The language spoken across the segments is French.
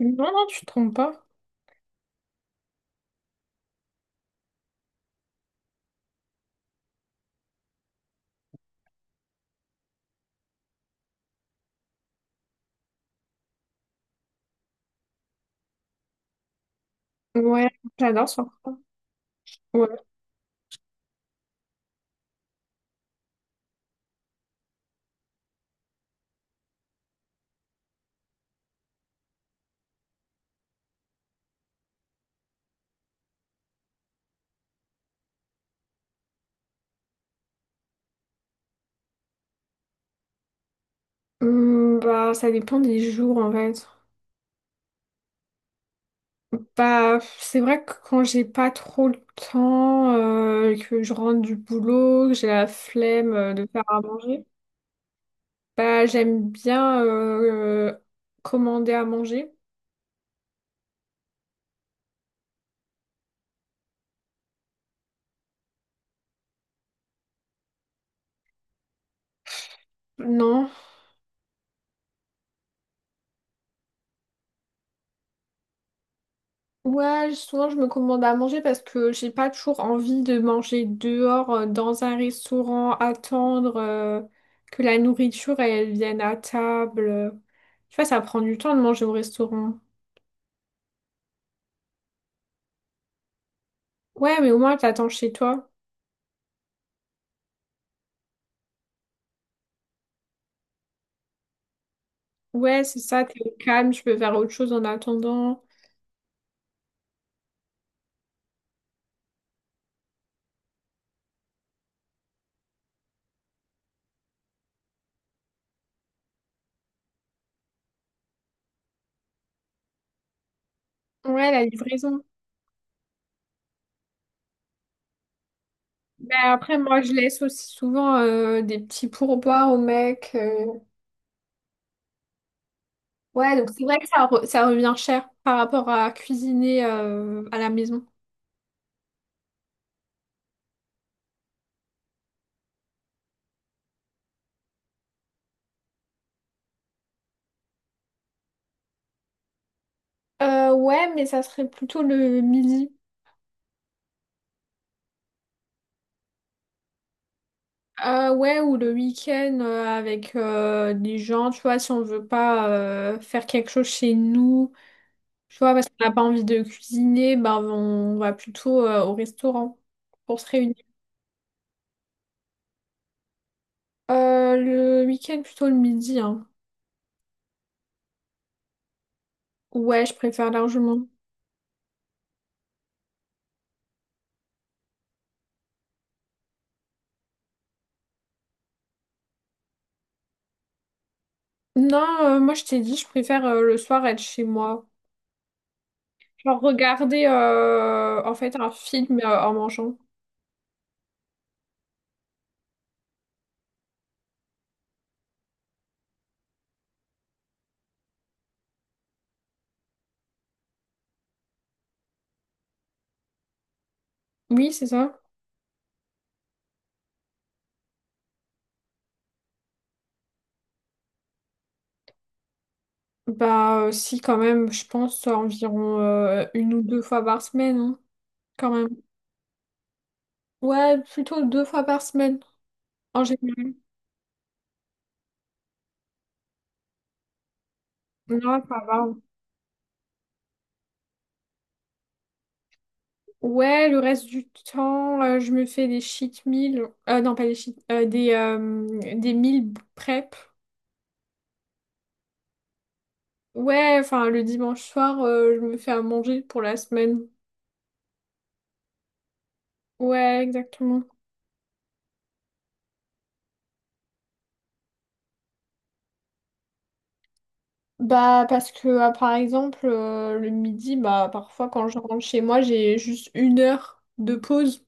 Non, non, tu te trompes pas. Ouais, j'adore ça. Ouais. Bah, ça dépend des jours en fait. Bah, c'est vrai que quand j'ai pas trop le temps, que je rentre du boulot, que j'ai la flemme de faire à manger, bah, j'aime bien commander à manger. Non. Ouais, souvent je me commande à manger parce que j'ai pas toujours envie de manger dehors dans un restaurant, attendre que la nourriture elle vienne à table. Tu vois, ça prend du temps de manger au restaurant. Ouais, mais au moins t'attends chez toi. Ouais, c'est ça, t'es au calme, tu peux faire autre chose en attendant. Ouais, la livraison. Mais après, moi je laisse aussi souvent des petits pourboires au mec. Ouais, donc c'est vrai que ça revient cher par rapport à cuisiner à la maison. Ouais, mais ça serait plutôt le midi. Ouais, ou le week-end avec des gens, tu vois, si on veut pas faire quelque chose chez nous, tu vois, parce qu'on n'a pas envie de cuisiner, ben on va plutôt au restaurant pour se réunir. Le week-end, plutôt le midi, hein. Ouais, je préfère largement. Non, moi je t'ai dit, je préfère le soir être chez moi. Genre regarder en fait un film en mangeant. Oui, c'est ça. Bah, si, quand même, je pense environ une ou deux fois par semaine, hein, quand même. Ouais, plutôt deux fois par semaine, en général. Non, ça va. Ouais, le reste du temps, je me fais des cheat meals. Non, pas des cheat, des meal prep. Ouais, enfin, le dimanche soir, je me fais à manger pour la semaine. Ouais, exactement. Bah, parce que, ah, par exemple, le midi, bah, parfois, quand je rentre chez moi, j'ai juste une heure de pause.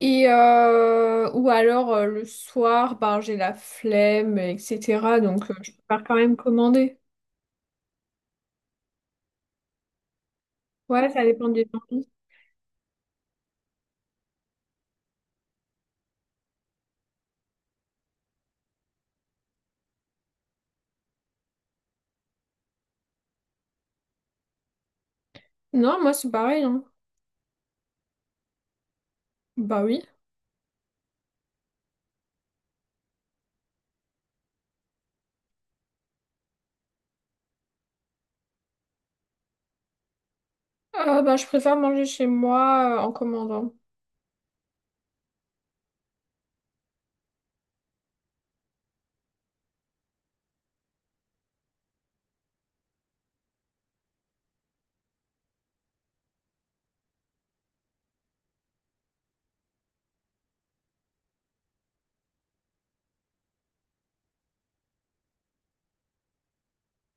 Et ou alors le soir, bah, j'ai la flemme, etc. Donc je préfère quand même commander. Ouais, ça dépend des envies. Non, moi c'est pareil, hein. Bah oui. Bah, je préfère manger chez moi en commandant.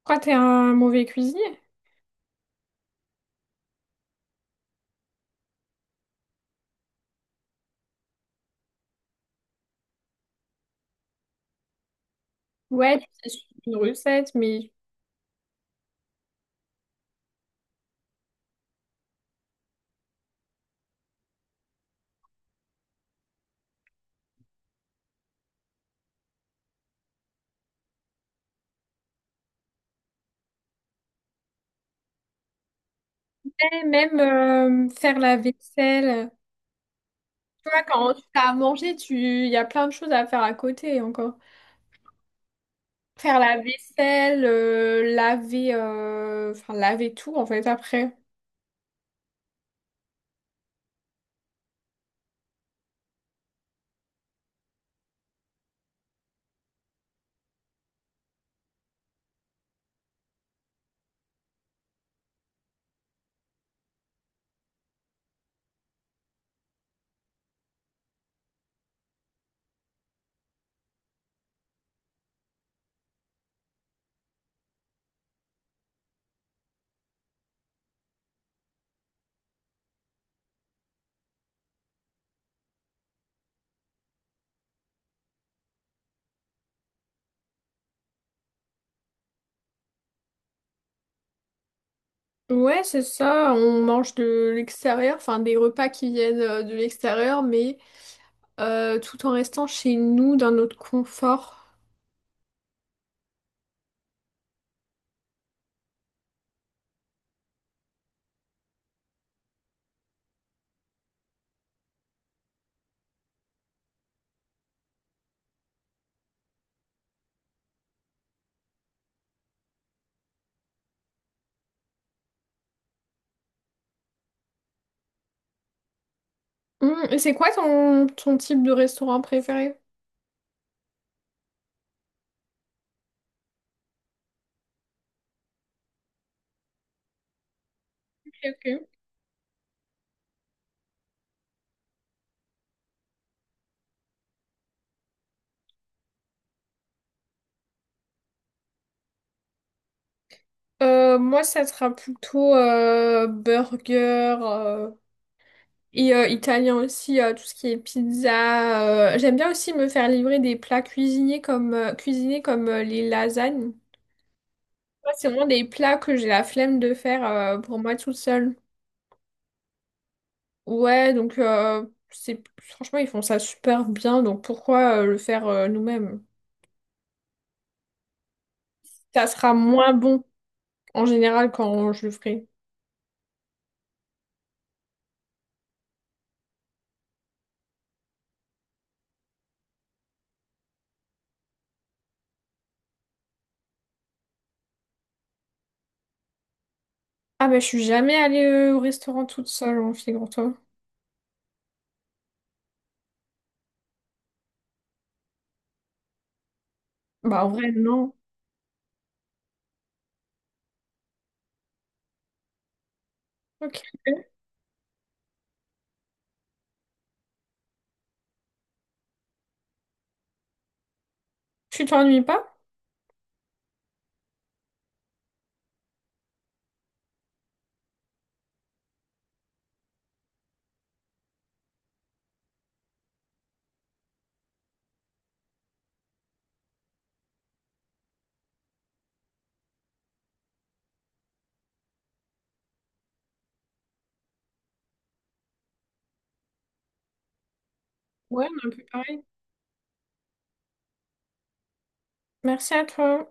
Pourquoi t'es un mauvais cuisinier? Ouais, tu sais suivre une recette, mais… Eh, même faire la vaisselle. Tu vois, quand tu as à manger, tu… il y a plein de choses à faire à côté encore. Faire la vaisselle, enfin laver tout en fait après. Ouais, c'est ça. On mange de l'extérieur, enfin des repas qui viennent de l'extérieur, mais tout en restant chez nous dans notre confort. Et c'est quoi ton type de restaurant préféré? Ok, ok. Moi, ça sera plutôt burger et italien aussi, tout ce qui est pizza. J'aime bien aussi me faire livrer des plats cuisinés cuisinés comme les lasagnes. Moi, c'est vraiment des plats que j'ai la flemme de faire pour moi toute seule. Ouais, donc c'est franchement ils font ça super bien, donc pourquoi le faire nous-mêmes? Ça sera moins bon en général quand je le ferai. Ah mais je suis jamais allée au restaurant toute seule en figure-toi. Bah en vrai non. Ok. Tu t'ennuies pas? Ouais, on est un peu pareil. Merci à toi.